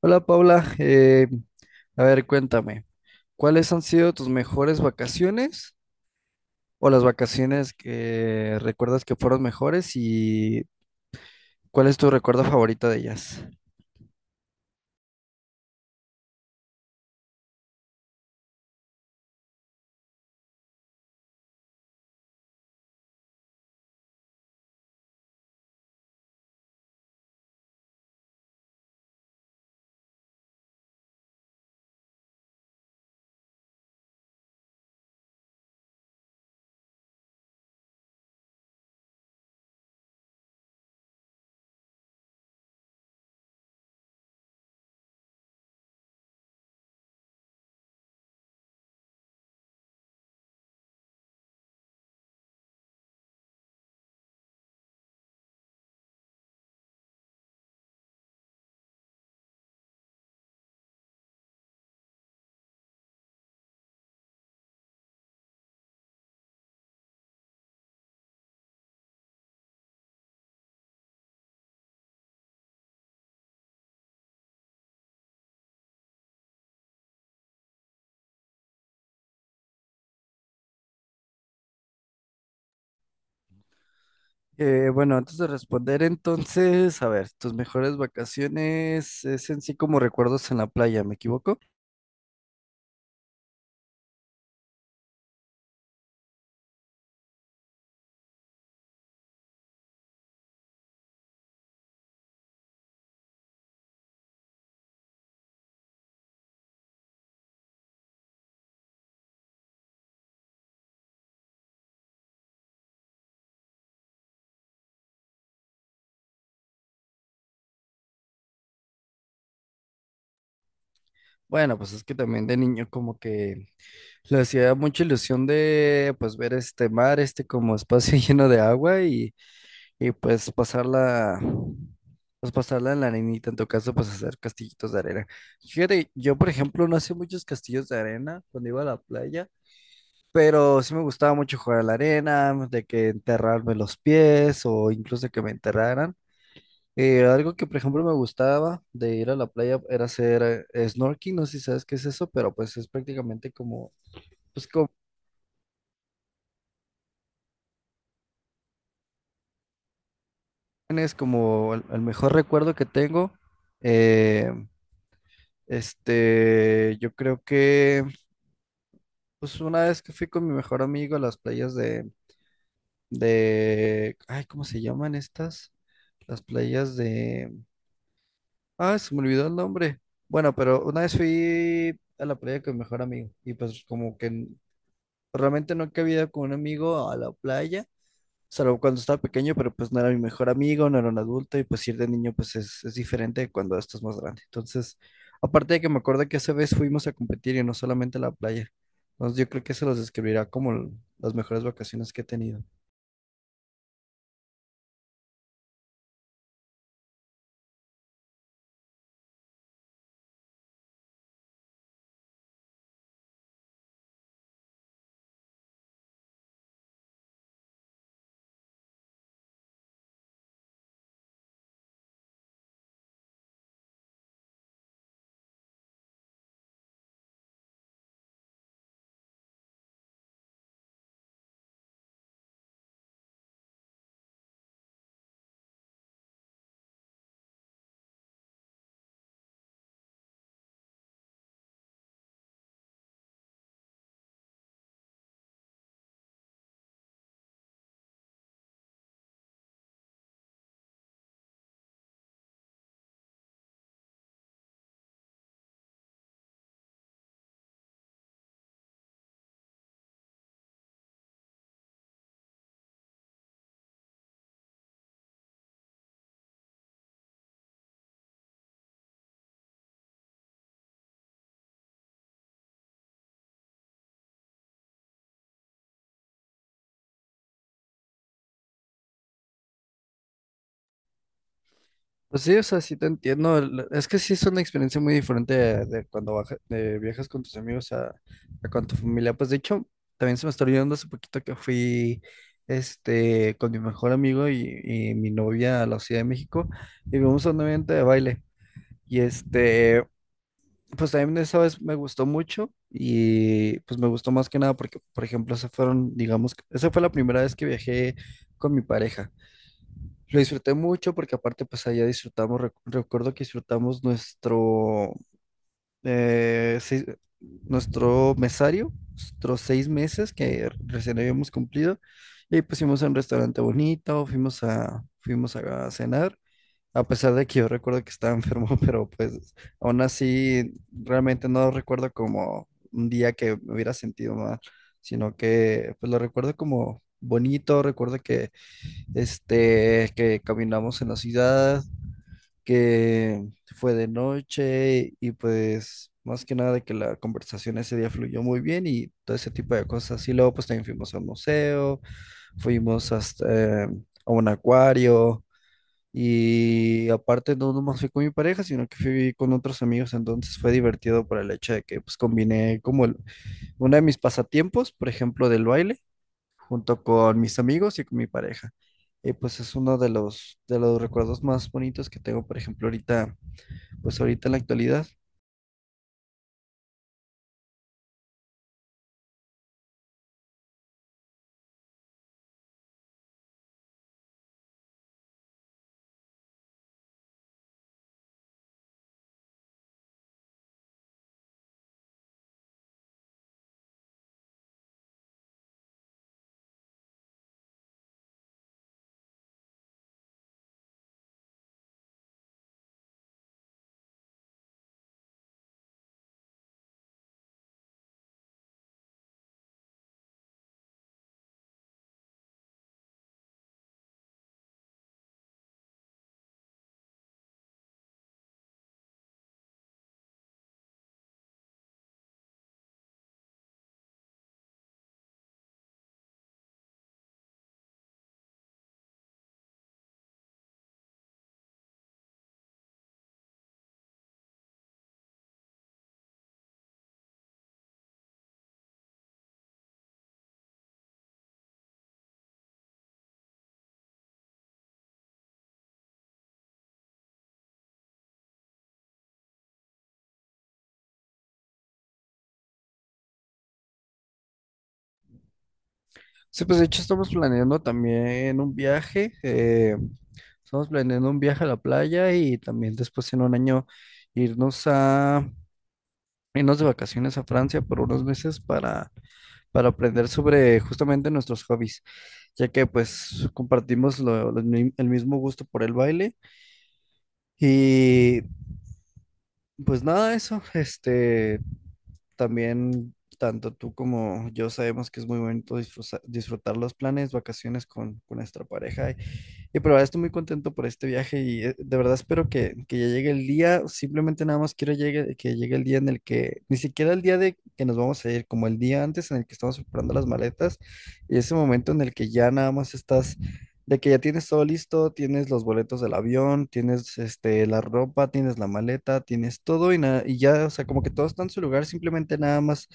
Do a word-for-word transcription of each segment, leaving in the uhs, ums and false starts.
Hola Paula. Eh, a ver, cuéntame, ¿cuáles han sido tus mejores vacaciones o las vacaciones que recuerdas que fueron mejores y cuál es tu recuerdo favorito de ellas? Eh, bueno, antes de responder, entonces, a ver, tus mejores vacaciones es en sí como recuerdos en la playa, ¿me equivoco? Bueno, pues es que también de niño como que le hacía mucha ilusión de pues ver este mar, este como espacio lleno de agua y, y pues pasarla, pues pasarla en la arenita, en tu caso pues hacer castillitos de arena. Fíjate, yo por ejemplo no hacía muchos castillos de arena cuando iba a la playa. Pero sí me gustaba mucho jugar a la arena, de que enterrarme los pies o incluso que me enterraran. Eh, algo que, por ejemplo, me gustaba de ir a la playa era hacer eh, snorkeling. No sé si sabes qué es eso, pero pues es prácticamente como, pues como, es como el, el mejor recuerdo que tengo. Eh, este, yo creo que, pues una vez que fui con mi mejor amigo a las playas de, de, ay, ¿cómo se llaman estas? Las playas de... Ah, se me olvidó el nombre. Bueno, pero una vez fui a la playa con mi mejor amigo y pues como que n- realmente no cabía con un amigo a la playa, salvo cuando estaba pequeño, pero pues no era mi mejor amigo, no era un adulto y pues ir de niño pues es, es diferente de cuando estás más grande. Entonces, aparte de que me acuerdo que esa vez fuimos a competir y no solamente a la playa. Entonces yo creo que se los describirá como l- las mejores vacaciones que he tenido. Pues sí, o sea, sí te entiendo. el- Es que sí es una experiencia muy diferente de, de cuando baja- de viajas con tus amigos a, a con tu familia. Pues de hecho, también se me está olvidando hace poquito que fui este, con mi mejor amigo y, y mi novia a la Ciudad de México y vimos a un evento de baile. Y este, pues también esa vez me gustó mucho y pues me gustó más que nada porque, por ejemplo, se fueron, digamos, que- esa fue la primera vez que viajé con mi pareja. Lo disfruté mucho porque aparte pues allá disfrutamos, rec- recuerdo que disfrutamos nuestro, eh, seis- nuestro mesario, nuestros seis meses que recién habíamos cumplido y pues fuimos a un restaurante bonito, fuimos a, fuimos a cenar, a pesar de que yo recuerdo que estaba enfermo, pero pues aún así realmente no recuerdo como un día que me hubiera sentido mal, sino que pues lo recuerdo como bonito, recuerdo que este, que caminamos en la ciudad, que fue de noche y pues más que nada de que la conversación ese día fluyó muy bien y todo ese tipo de cosas. Y luego pues también fuimos al museo, fuimos hasta, eh, a un acuario y aparte no nomás fui con mi pareja, sino que fui con otros amigos, entonces fue divertido por el hecho de que pues combiné como el- uno de mis pasatiempos, por ejemplo, del baile junto con mis amigos y con mi pareja. Y pues es uno de los, de los recuerdos más bonitos que tengo, por ejemplo, ahorita, pues ahorita en la actualidad. Sí, pues de hecho estamos planeando también un viaje, eh, estamos planeando un viaje a la playa y también después en un año irnos a, irnos de vacaciones a Francia por unos meses para, para aprender sobre justamente nuestros hobbies, ya que pues compartimos lo- lo mi- el mismo gusto por el baile. Y pues nada, eso, este, también tanto tú como yo sabemos que es muy bonito disfruza- disfrutar los planes, vacaciones con, con nuestra pareja y pero ahora estoy muy contento por este viaje y eh, de verdad espero que, que ya llegue el día. Simplemente nada más quiero llegue, que llegue el día en el que, ni siquiera el día de que nos vamos a ir, como el día antes en el que estamos preparando las maletas y ese momento en el que ya nada más estás, de que ya tienes todo listo, tienes los boletos del avión, tienes este, la ropa, tienes la maleta, tienes todo y, nada, y ya, o sea, como que todo está en su lugar, simplemente nada más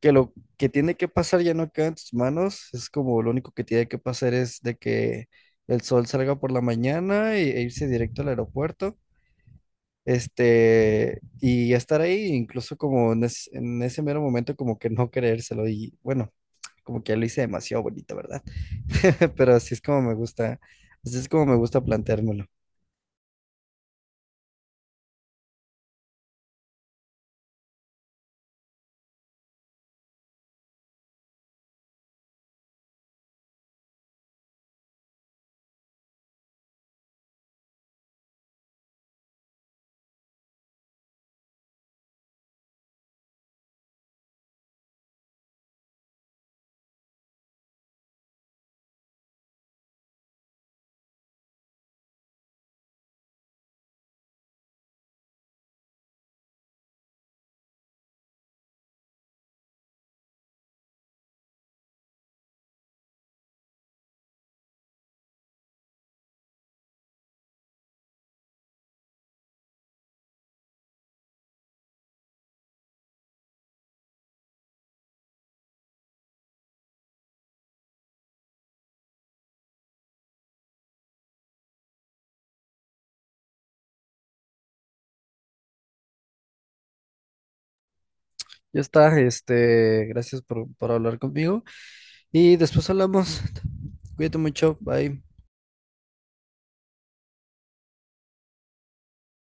que lo que tiene que pasar ya no queda en tus manos, es como lo único que tiene que pasar es de que el sol salga por la mañana y- e irse directo al aeropuerto, este, y estar ahí, incluso como en, es- en ese mero momento como que no creérselo y bueno, como que ya lo hice demasiado bonito, ¿verdad? Pero así es como me gusta, así es como me gusta planteármelo. Ya está, este, gracias por, por hablar conmigo y después hablamos. Cuídate mucho, bye.